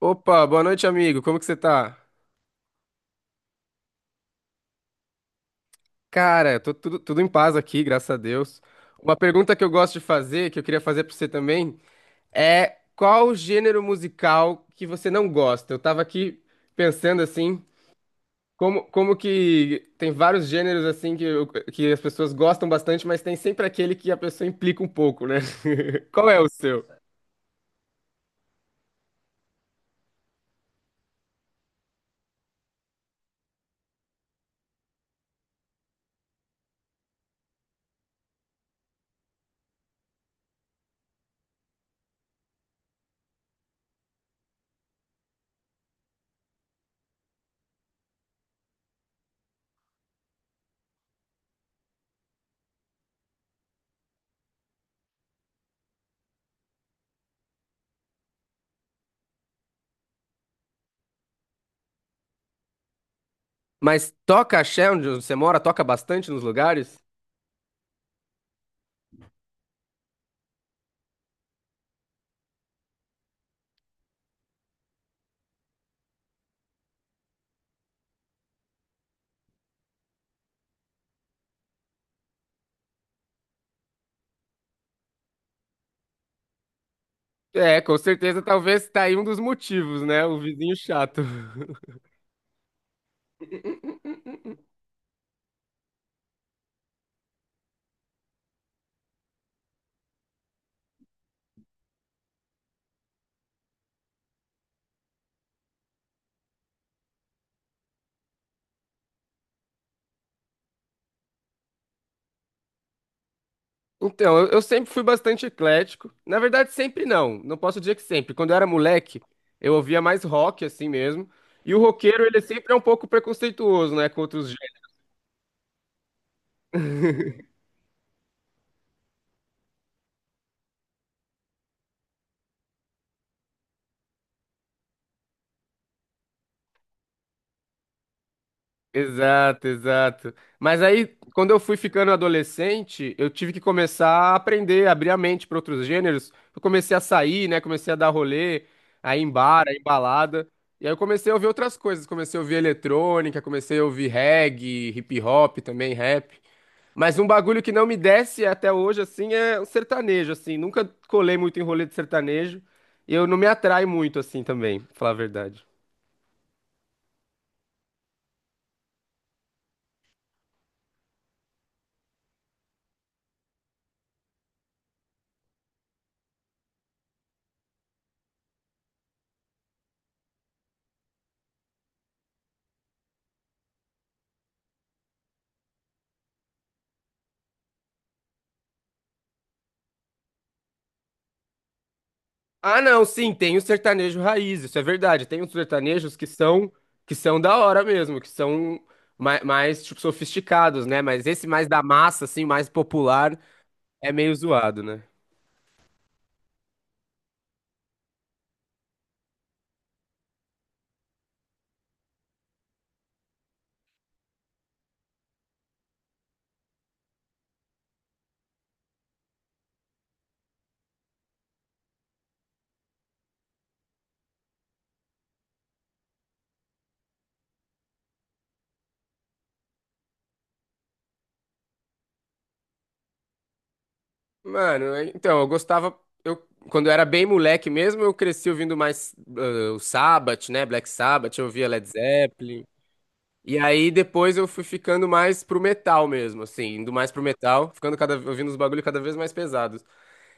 Opa, boa noite, amigo. Como que você tá? Cara, eu tô tudo em paz aqui, graças a Deus. Uma pergunta que eu gosto de fazer, que eu queria fazer pra você também, é qual o gênero musical que você não gosta? Eu tava aqui pensando assim, como que tem vários gêneros assim que, que as pessoas gostam bastante, mas tem sempre aquele que a pessoa implica um pouco, né? Qual é o seu? Mas toca axé onde você mora? Toca bastante nos lugares? É, com certeza, talvez tá aí um dos motivos, né? O vizinho chato. Então, eu sempre fui bastante eclético. Na verdade, sempre não. Não posso dizer que sempre. Quando eu era moleque, eu ouvia mais rock, assim mesmo. E o roqueiro, ele sempre é um pouco preconceituoso, né, com outros gêneros. Exato, exato. Mas aí, quando eu fui ficando adolescente, eu tive que começar a aprender, abrir a mente para outros gêneros. Eu comecei a sair, né, comecei a dar rolê, a ir em bar, a ir em balada. E aí eu comecei a ouvir outras coisas. Comecei a ouvir eletrônica, comecei a ouvir reggae, hip hop também, rap. Mas um bagulho que não me desce até hoje, assim, é o sertanejo, assim. Nunca colei muito em rolê de sertanejo. E eu não me atrai muito, assim, também, pra falar a verdade. Ah, não, sim, tem o sertanejo raiz, isso é verdade. Tem os sertanejos que são da hora mesmo, que são mais, tipo, sofisticados, né? Mas esse mais da massa, assim, mais popular, é meio zoado, né? Mano, então, eu gostava. Eu, quando eu era bem moleque mesmo, eu cresci ouvindo mais o Sabbath, né? Black Sabbath, eu ouvia Led Zeppelin. E aí depois eu fui ficando mais pro metal mesmo, assim, indo mais pro metal, ficando cada ouvindo os bagulho cada vez mais pesados.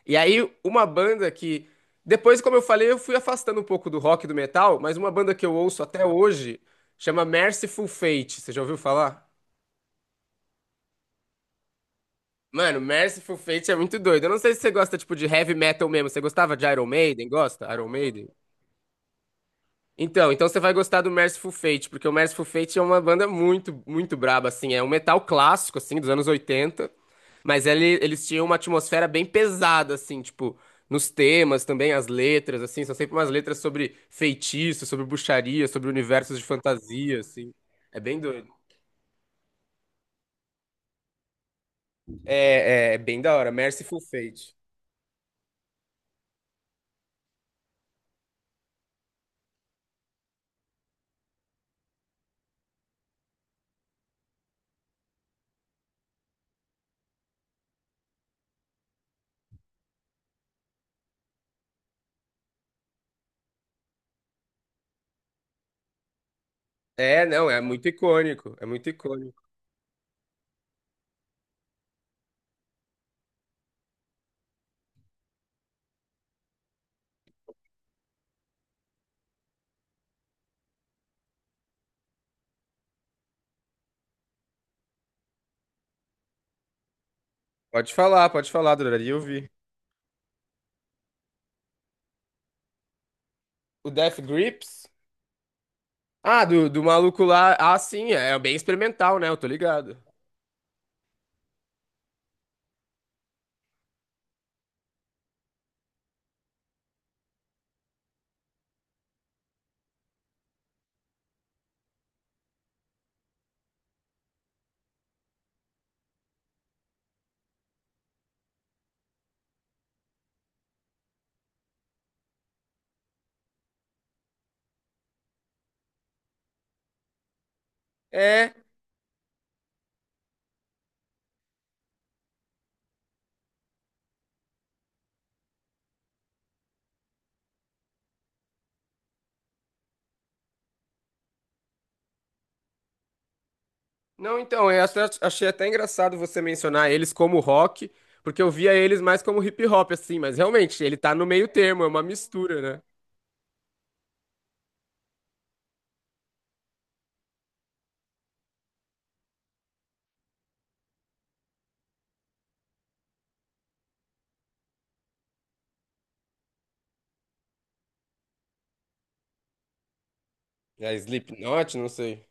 E aí uma banda que depois, como eu falei, eu fui afastando um pouco do rock e do metal, mas uma banda que eu ouço até hoje chama Merciful Fate. Você já ouviu falar? Mano, Merciful Fate é muito doido. Eu não sei se você gosta tipo de heavy metal mesmo. Você gostava de Iron Maiden? Gosta? Iron Maiden? Então, então você vai gostar do Merciful Fate, porque o Merciful Fate é uma banda muito braba, assim, é um metal clássico, assim, dos anos 80. Eles tinham uma atmosfera bem pesada, assim, tipo, nos temas também, as letras, assim, são sempre umas letras sobre feitiço, sobre bruxaria, sobre universos de fantasia, assim. É bem doido. É, é, é bem da hora. Merciful Fate. É, não, é muito icônico. É muito icônico. Pode falar, adoraria ouvir. O Death Grips? Ah, do maluco lá. Ah, sim, é bem experimental, né? Eu tô ligado. É. Não, então, achei até engraçado você mencionar eles como rock, porque eu via eles mais como hip hop, assim, mas realmente, ele tá no meio termo, é uma mistura, né? É Slipknot, não sei.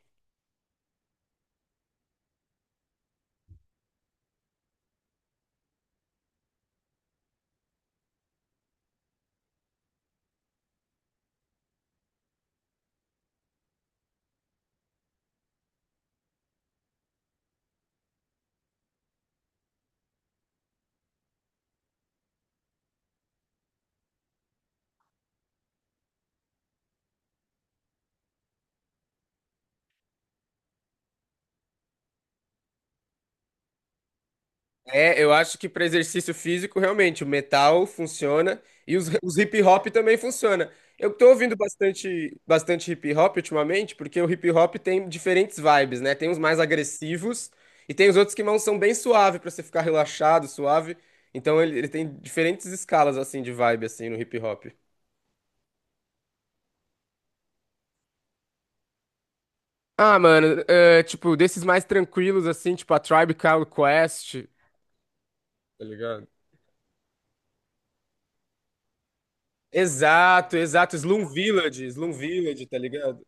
É, eu acho que para exercício físico, realmente, o metal funciona e os hip hop também funciona. Eu tô ouvindo bastante hip hop ultimamente, porque o hip hop tem diferentes vibes, né? Tem uns mais agressivos e tem os outros que não são bem suave para você ficar relaxado, suave. Então ele tem diferentes escalas assim de vibe assim no hip hop. Ah, mano, é, tipo, desses mais tranquilos assim, tipo a Tribe Called Quest, tá ligado? Exato, exato, Slum Village, Slum Village, tá ligado?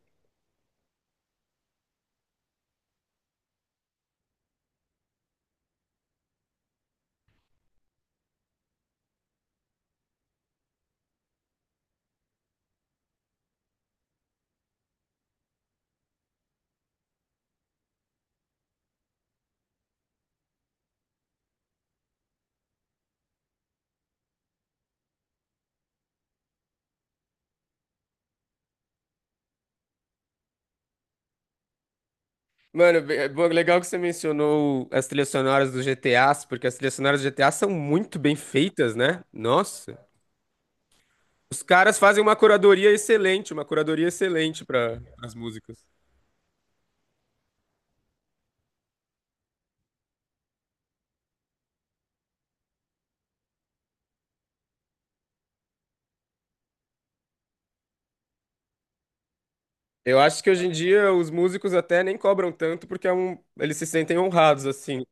Mano, legal que você mencionou as trilhas sonoras dos GTAs, porque as trilhas sonoras do GTA são muito bem feitas, né? Nossa. Os caras fazem uma curadoria excelente para as músicas. Eu acho que hoje em dia os músicos até nem cobram tanto porque é um, eles se sentem honrados assim.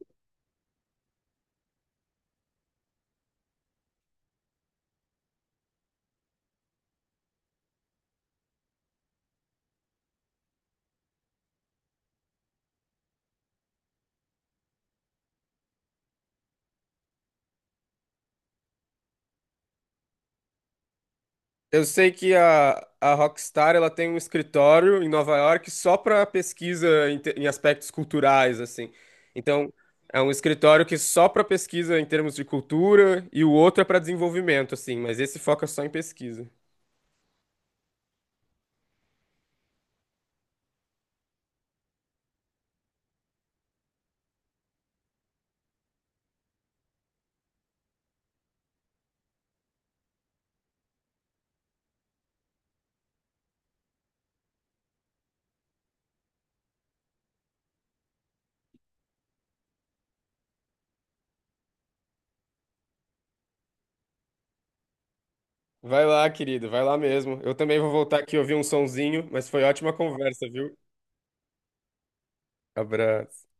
Eu sei que a Rockstar ela tem um escritório em Nova York só para pesquisa em aspectos culturais, assim. Então, é um escritório que só para pesquisa em termos de cultura e o outro é para desenvolvimento, assim, mas esse foca só em pesquisa. Vai lá, querido, vai lá mesmo. Eu também vou voltar aqui ouvir um sonzinho, mas foi ótima conversa, viu? Abraço.